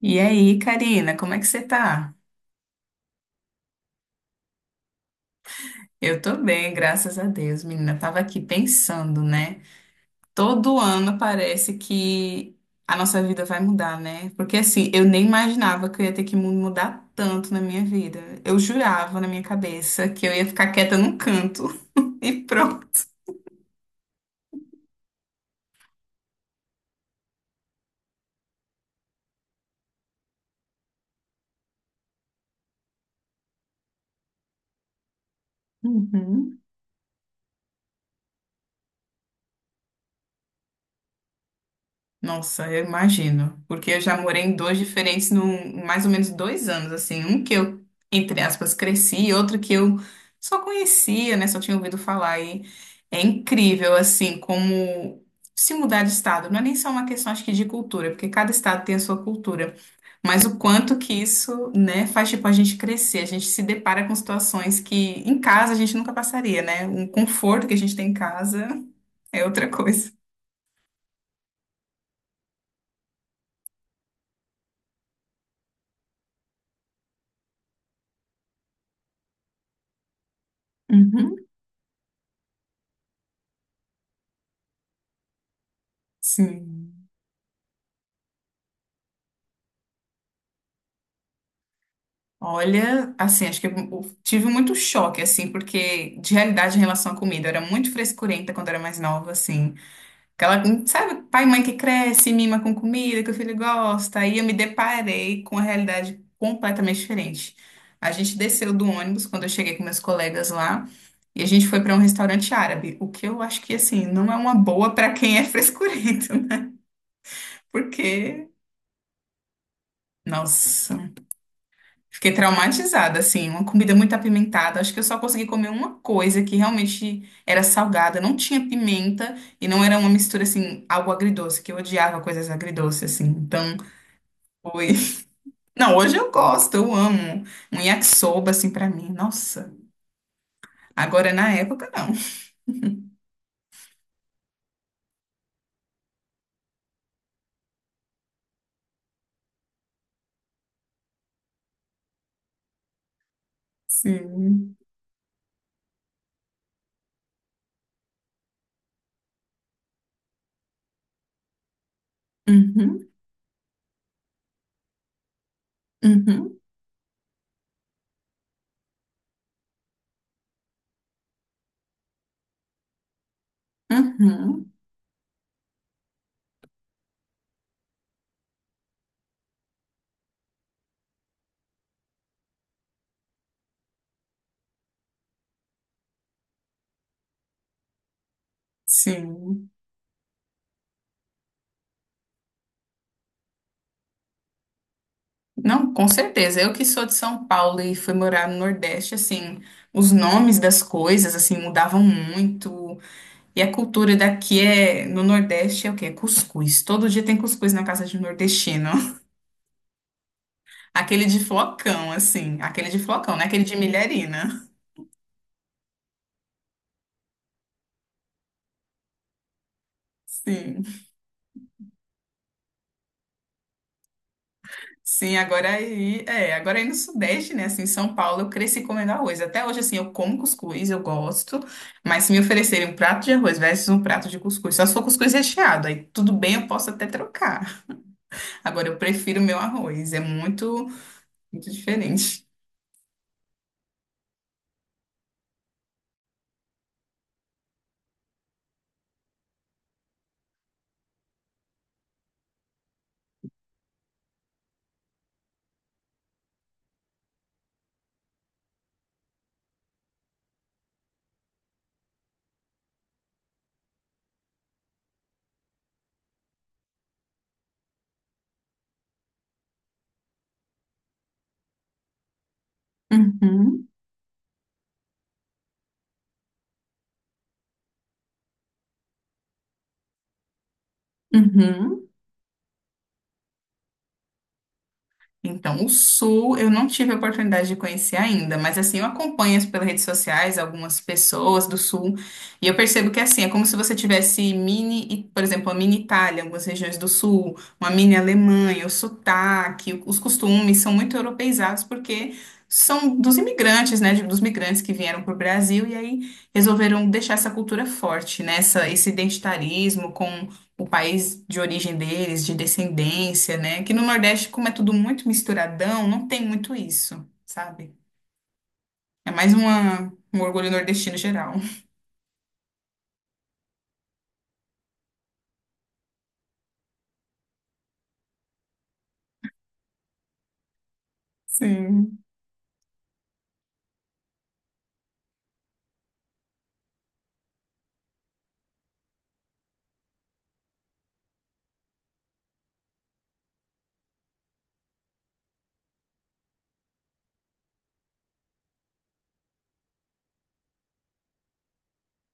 E aí, Karina, como é que você tá? Eu tô bem, graças a Deus, menina. Tava aqui pensando, né? Todo ano parece que a nossa vida vai mudar, né? Porque assim, eu nem imaginava que eu ia ter que mudar tanto na minha vida. Eu jurava na minha cabeça que eu ia ficar quieta num canto e pronto. Uhum. Nossa, eu imagino. Porque eu já morei em dois diferentes num mais ou menos dois anos, assim. Um que eu, entre aspas, cresci, e outro que eu só conhecia, né? Só tinha ouvido falar. E é incrível, assim, como se mudar de estado. Não é nem só uma questão, acho que, de cultura, porque cada estado tem a sua cultura. Mas o quanto que isso, né, faz, tipo, a gente crescer. A gente se depara com situações que em casa a gente nunca passaria, né? Um conforto que a gente tem em casa é outra coisa. Uhum. Sim. Olha, assim, acho que eu tive muito choque, assim, porque de realidade em relação à comida, eu era muito frescurenta quando era mais nova, assim. Aquela, sabe, pai e mãe que cresce, mima com comida, que o filho gosta, aí eu me deparei com a realidade completamente diferente. A gente desceu do ônibus quando eu cheguei com meus colegas lá, e a gente foi para um restaurante árabe, o que eu acho que, assim, não é uma boa para quem é frescurento, né? Porque, nossa. Fiquei traumatizada, assim, uma comida muito apimentada. Acho que eu só consegui comer uma coisa que realmente era salgada, não tinha pimenta e não era uma mistura, assim, algo agridoce, que eu odiava coisas agridoces, assim. Então, foi. Não, hoje eu gosto, eu amo. Um yakisoba, assim, pra mim, nossa. Agora, na época, não. Sim. Uhum, uhum, uhum. Sim. Não, com certeza. Eu que sou de São Paulo e fui morar no Nordeste, assim, os nomes das coisas, assim, mudavam muito. E a cultura daqui é, no Nordeste, é o quê? É cuscuz. Todo dia tem cuscuz na casa de um nordestino. Aquele de flocão, assim. Aquele de flocão, né? Aquele de milharina. Sim. Sim, agora aí, é, agora aí no Sudeste, né? Assim, em São Paulo, eu cresci comendo arroz. Até hoje, assim, eu como cuscuz, eu gosto. Mas se me oferecerem um prato de arroz versus um prato de cuscuz, só se for cuscuz recheado, aí tudo bem, eu posso até trocar. Agora, eu prefiro o meu arroz. É muito, muito diferente. Uhum, uhum. Então, o Sul eu não tive a oportunidade de conhecer ainda, mas assim, eu acompanho pelas redes sociais algumas pessoas do Sul e eu percebo que assim, é como se você tivesse mini, por exemplo, a mini Itália, algumas regiões do Sul, uma mini Alemanha, o sotaque, os costumes são muito europeizados porque são dos imigrantes, né, dos migrantes que vieram para o Brasil e aí resolveram deixar essa cultura forte, né, esse identitarismo o país de origem deles, de descendência, né? Que no Nordeste, como é tudo muito misturadão, não tem muito isso, sabe? É mais uma, um orgulho nordestino geral. Sim,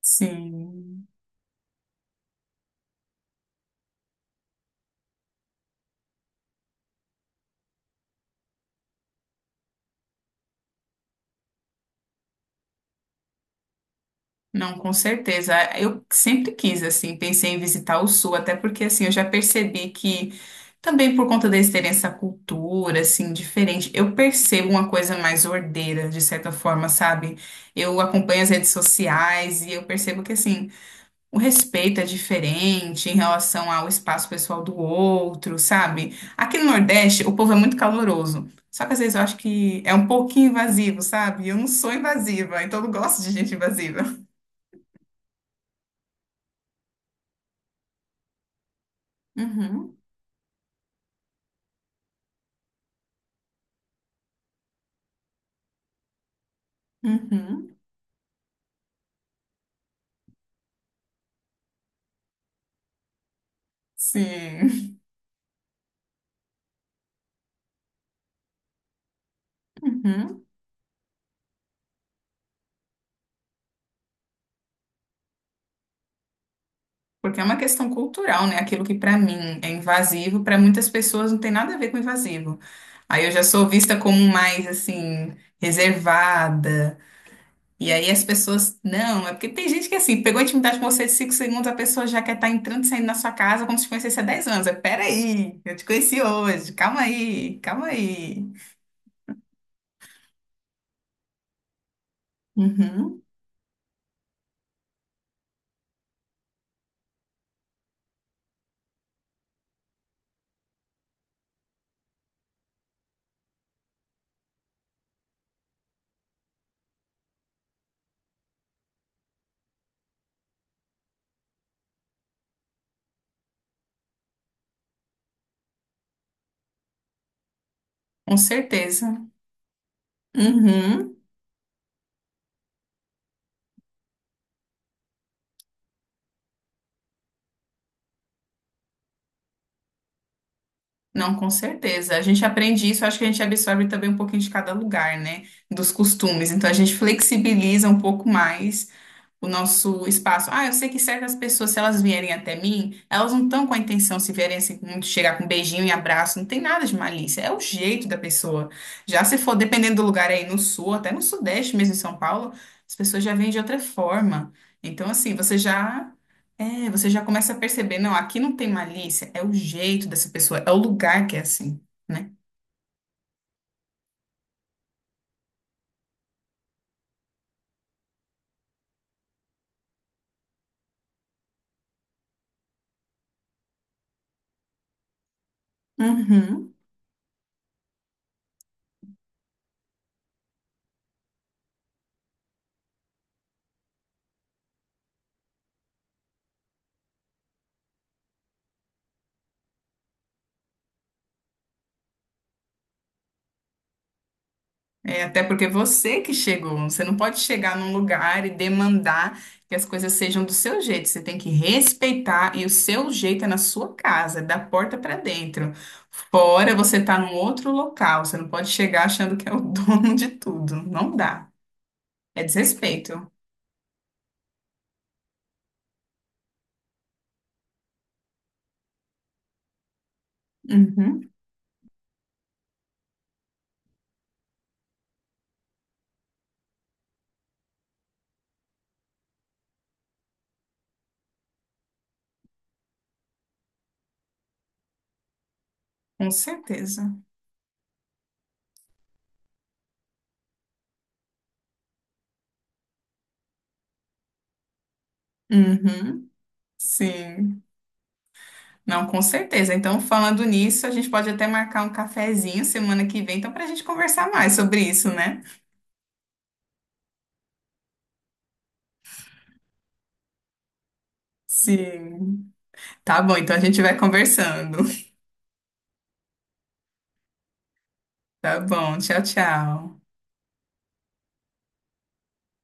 sim. Não, com certeza. Eu sempre quis, assim, pensei em visitar o Sul, até porque, assim, eu já percebi que, também por conta deles terem essa cultura, assim, diferente, eu percebo uma coisa mais ordeira, de certa forma, sabe? Eu acompanho as redes sociais e eu percebo que, assim, o respeito é diferente em relação ao espaço pessoal do outro, sabe? Aqui no Nordeste, o povo é muito caloroso. Só que às vezes eu acho que é um pouquinho invasivo, sabe? Eu não sou invasiva, então eu não gosto de gente invasiva. Uhum, uhum, sim. Uhum. Porque é uma questão cultural, né? Aquilo que pra mim é invasivo, pra muitas pessoas não tem nada a ver com invasivo. Aí eu já sou vista como mais assim, reservada. E aí as pessoas, não, é porque tem gente que assim, pegou a intimidade com você de 5 segundos, a pessoa já quer estar entrando e saindo na sua casa como se te conhecesse há 10 anos. É, peraí, eu te conheci hoje, calma aí, calma aí. Uhum, com certeza. Uhum, não, com certeza. A gente aprende isso, acho que a gente absorve também um pouquinho de cada lugar, né? Dos costumes. Então a gente flexibiliza um pouco mais o nosso espaço. Ah, eu sei que certas pessoas, se elas vierem até mim, elas não estão com a intenção, se vierem assim, chegar com um beijinho e abraço, não tem nada de malícia, é o jeito da pessoa. Já se for, dependendo do lugar é aí no sul, até no sudeste mesmo, em São Paulo, as pessoas já vêm de outra forma. Então, assim, você já. É, você já começa a perceber, não, aqui não tem malícia, é o jeito dessa pessoa, é o lugar que é assim, né? Uhum. É, até porque você que chegou, você não pode chegar num lugar e demandar que as coisas sejam do seu jeito. Você tem que respeitar e o seu jeito é na sua casa, é da porta para dentro. Fora você tá num outro local, você não pode chegar achando que é o dono de tudo. Não dá. É desrespeito. Uhum, com certeza. Uhum, sim. Não, com certeza. Então, falando nisso, a gente pode até marcar um cafezinho semana que vem, então, para a gente conversar mais sobre isso, né? Sim. Tá bom, então a gente vai conversando. Tá bom, tchau, tchau.